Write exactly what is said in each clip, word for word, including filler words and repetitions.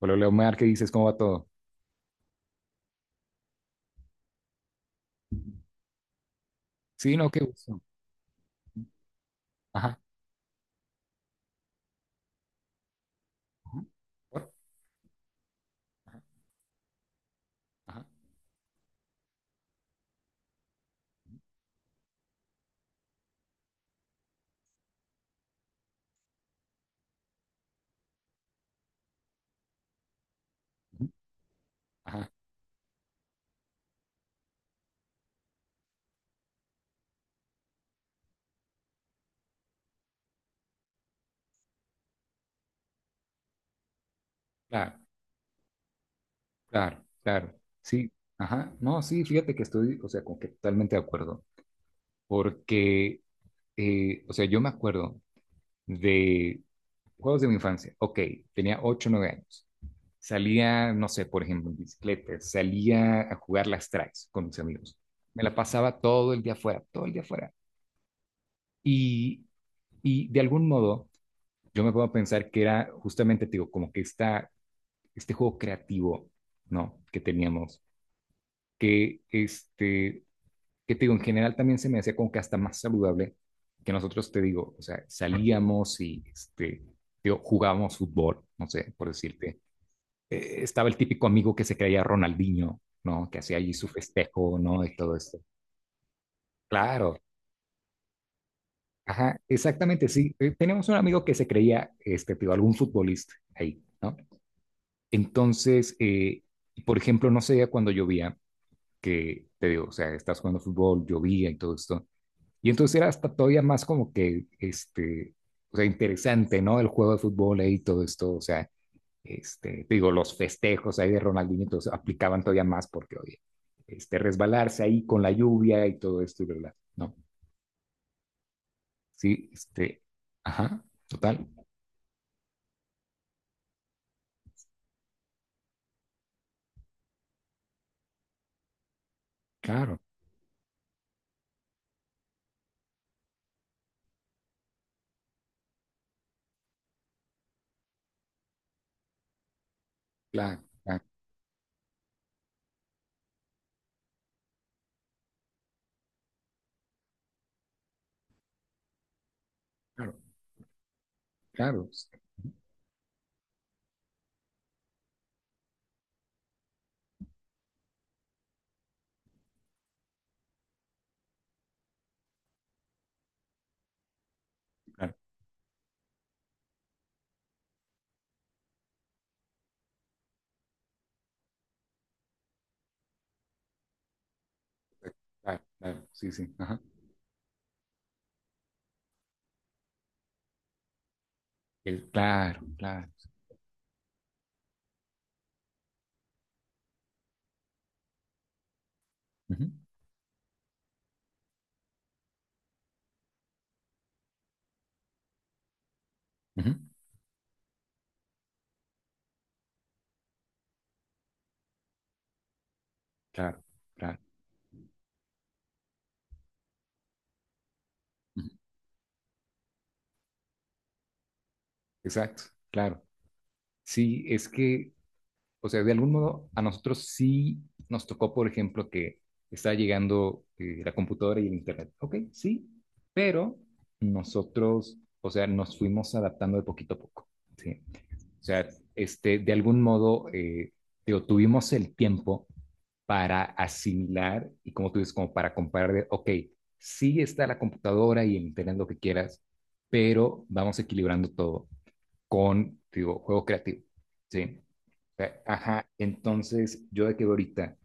Hola, Leomar, ¿qué dices? ¿Cómo va todo? Sí, no, qué gusto. Ajá. Ajá, ¿por? Ajá. Ujú, ajá. Claro, claro, claro. Sí, ajá. No, sí, fíjate que estoy, o sea, como que totalmente de acuerdo. Porque, eh, o sea, yo me acuerdo de juegos de mi infancia. Ok, tenía ocho nueve años. Salía, no sé, por ejemplo, en bicicleta. Salía a jugar las traes con mis amigos. Me la pasaba todo el día afuera, todo el día afuera. Y, y de algún modo. Yo me puedo pensar que era justamente, te digo, como que esta, este juego creativo, ¿no? Que teníamos, que este, que te digo, en general también se me hacía como que hasta más saludable que nosotros, te digo, o sea, salíamos y este, te digo, jugábamos fútbol, no sé, por decirte. Eh, estaba el típico amigo que se creía Ronaldinho, ¿no? Que hacía allí su festejo, ¿no? Y todo esto. Claro, ajá, exactamente, sí. Eh, Teníamos un amigo que se creía, este, te digo, algún futbolista ahí, ¿no? Entonces, eh, por ejemplo, no sé, cuando llovía, que te digo, o sea, estás jugando fútbol, llovía y todo esto. Y entonces era hasta todavía más como que, este, o sea, interesante, ¿no? El juego de fútbol ahí, todo esto, o sea, este, te digo, los festejos ahí de Ronaldinho, entonces aplicaban todavía más porque, oye, este, resbalarse ahí con la lluvia y todo esto, y ¿verdad? No, sí, este, ajá, total, claro, claro, claro, claro, claro, claro, claro, claro, claro, sí, sí, ajá. El- claro, claro. Ujú, ujú, claro, claro. Ujú, exacto, claro. Sí, es que, o sea, de algún modo a nosotros sí nos tocó, por ejemplo, que está llegando eh, la computadora y el internet. Ok, sí, pero nosotros, o sea, nos fuimos adaptando de poquito a poco. Sí. O sea, este, de algún modo, eh, digo, tuvimos el tiempo para asimilar y como tú dices, como para comparar de, ok, sí está la computadora y el internet, lo que quieras, pero vamos equilibrando todo con, digo, juego creativo, ¿sí? O sea, ajá, entonces yo de que veo ahorita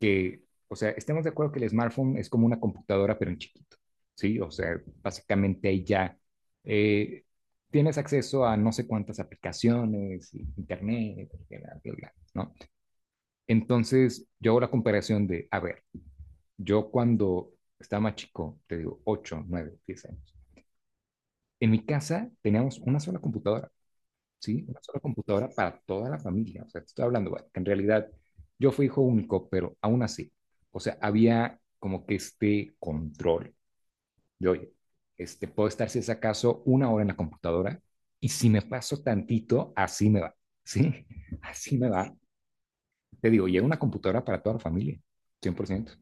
que, o sea, estemos de acuerdo que el smartphone es como una computadora, pero en chiquito, ¿sí? O sea, básicamente ahí ya eh, tienes acceso a no sé cuántas aplicaciones, internet, bla, bla, bla, ¿no? Entonces, yo hago la comparación de, a ver, yo cuando estaba más chico, te digo, ocho nueve diez años, en mi casa teníamos una sola computadora. ¿Sí? Una sola computadora para toda la familia. O sea, te estoy hablando, bueno, que en realidad yo fui hijo único, pero aún así, o sea, había como que este control de, oye, este, puedo estar si es acaso una hora en la computadora y si me paso tantito, así me va, ¿sí? Así me va. Te digo, y era una computadora para toda la familia, cien por ciento.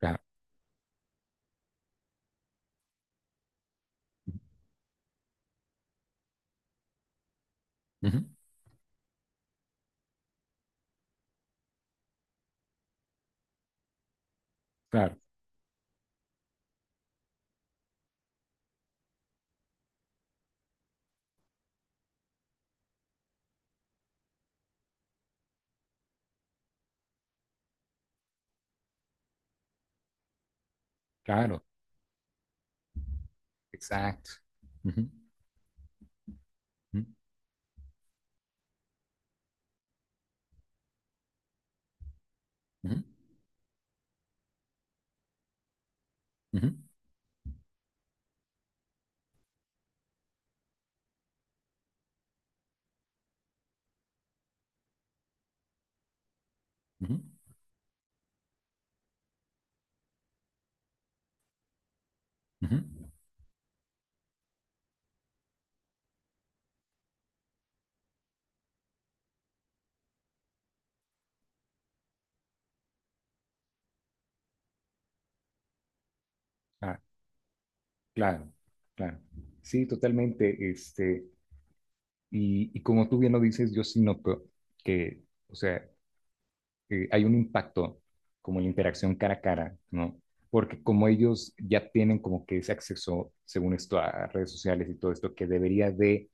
Claro, ujú, claro, claro, exacto. Ujú, ujú, ujú, ujú, ujú. Claro. Claro, claro. Sí, totalmente. Este, y, y como tú bien lo dices, yo sí noto que, o sea, eh, hay un impacto como la interacción cara a cara, ¿no? Porque como ellos ya tienen como que ese acceso, según esto, a redes sociales y todo esto, que debería de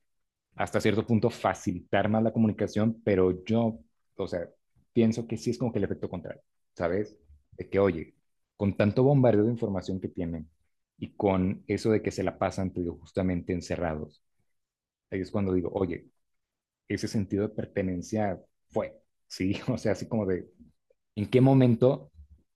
hasta cierto punto facilitar más la comunicación, pero yo, o sea, pienso que sí es como que el efecto contrario, ¿sabes? De que, oye, con tanto bombardeo de información que tienen y con eso de que se la pasan, te digo, justamente encerrados, ahí es cuando digo, oye, ese sentido de pertenencia fue, ¿sí? O sea, así como de, en qué momento,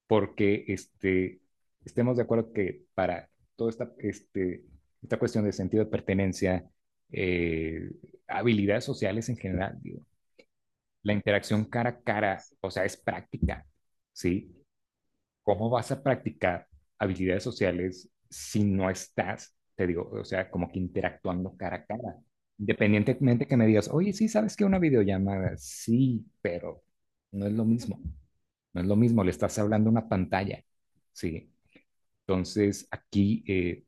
porque este, estemos de acuerdo que para toda esta, este, esta cuestión de sentido de pertenencia, eh, habilidades sociales en general, digo, la interacción cara a cara, o sea, es práctica, ¿sí? ¿Cómo vas a practicar habilidades sociales si no estás, te digo, o sea, como que interactuando cara a cara? Independientemente que me digas, oye, sí, sabes que una videollamada, sí, pero no es lo mismo. No es lo mismo, le estás hablando a una pantalla, ¿sí? Entonces, aquí eh,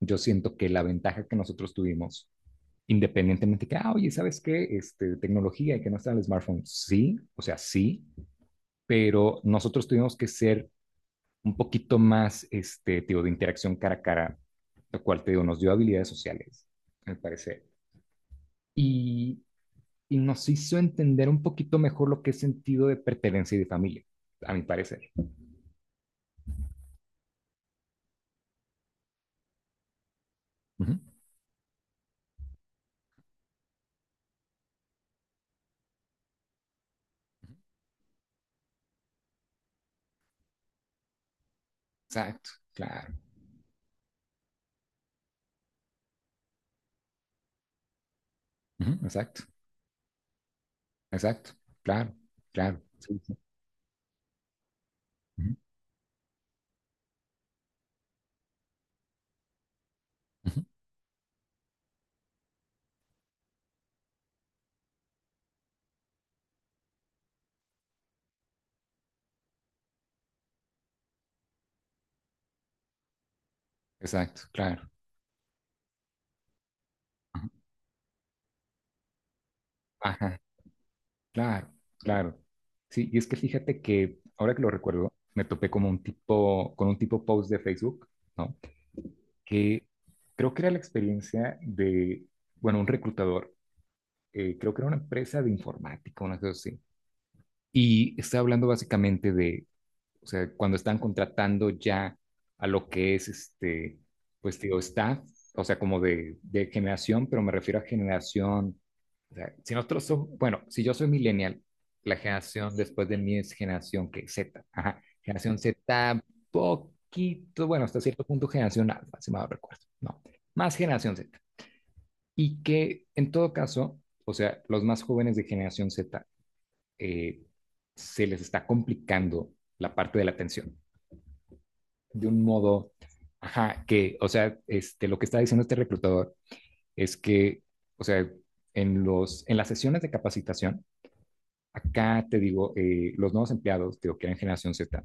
yo siento que la ventaja que nosotros tuvimos, independientemente que, ah, oye, ¿sabes qué? Este, tecnología y que no está en el smartphone, sí, o sea, sí, pero nosotros tuvimos que ser un poquito más, este, tío, de interacción cara a cara, lo cual, te digo, nos dio habilidades sociales, me parece. Y, y nos hizo entender un poquito mejor lo que es sentido de pertenencia y de familia, a mi parecer. Ujú. Exacto, claro. Ujú, exacto, exacto, claro, claro, sí, sí, ujú, ujú, exacto, claro, ujú, ajá, claro, claro. Sí, y es que fíjate que ahora que lo recuerdo, me topé como un tipo, con un tipo post de Facebook, ¿no? Que creo que era la experiencia de, bueno, un reclutador, eh, creo que era una empresa de informática, una cosa así, y estaba hablando básicamente de, o sea, cuando están contratando ya a lo que es este, pues digo, staff, o sea, como de, de generación, pero me refiero a generación, o sea, si nosotros somos, bueno, si yo soy millennial, la generación después de mí es generación que Z, ajá, generación Z, poquito, bueno, hasta cierto punto generación alfa, si mal no recuerdo, no, más generación Z. Y que en todo caso, o sea, los más jóvenes de generación Z eh, se les está complicando la parte de la atención de un modo, ajá, que, o sea, este, lo que está diciendo este reclutador es que, o sea, en, los, en las sesiones de capacitación, acá te digo, eh, los nuevos empleados, digo, que eran generación Z,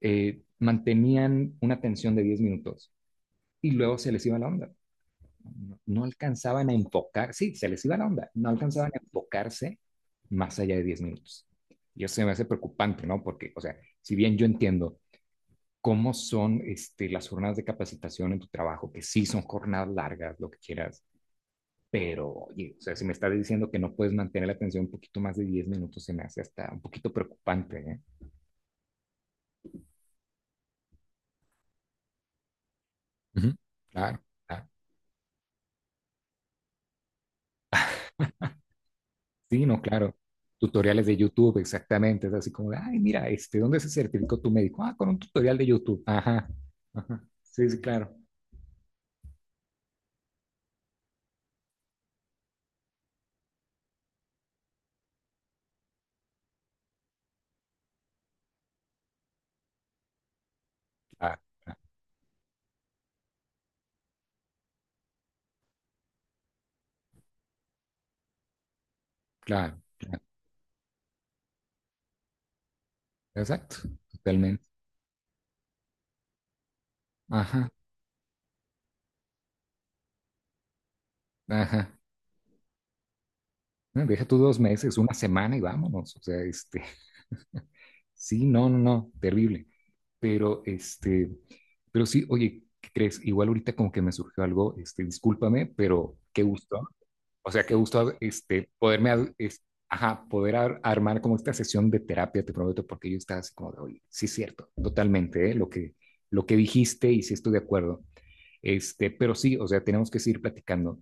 eh, mantenían una atención de diez minutos y luego se les iba la onda. No, no alcanzaban a enfocar, sí, se les iba la onda, no alcanzaban a enfocarse más allá de diez minutos. Y eso se me hace preocupante, ¿no? Porque, o sea, si bien yo entiendo cómo son este, las jornadas de capacitación en tu trabajo, que sí son jornadas largas, lo que quieras, pero, oye, o sea, si me estás diciendo que no puedes mantener la atención un poquito más de diez minutos, se me hace hasta un poquito preocupante, ¿eh? Ujú. Claro, claro. Sí, no, claro. Tutoriales de YouTube, exactamente. Es así como, de, ay, mira, este, ¿dónde se certificó tu médico? Ah, con un tutorial de YouTube. Ajá, ajá. Sí, sí, claro. Claro, claro, claro. Exacto, totalmente. Ajá, ajá. No, deja tú dos meses, una semana y vámonos. O sea, este, sí, no, no, no, terrible. Pero, este, pero sí, oye, ¿qué crees? Igual ahorita como que me surgió algo, este, discúlpame, pero qué gusto. O sea, qué gusto, este, poderme, ad- es- ajá, poder ar- armar como esta sesión de terapia, te prometo, porque yo estaba así como de, oye, sí es cierto, totalmente, ¿eh? Lo que, lo que dijiste y sí estoy de acuerdo. Este, pero sí, o sea, tenemos que seguir platicando.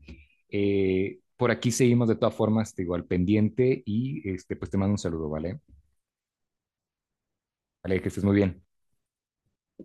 Eh, por aquí seguimos de todas formas, te digo, al pendiente y este, pues te mando un saludo, ¿vale? Vale, que estés muy bien.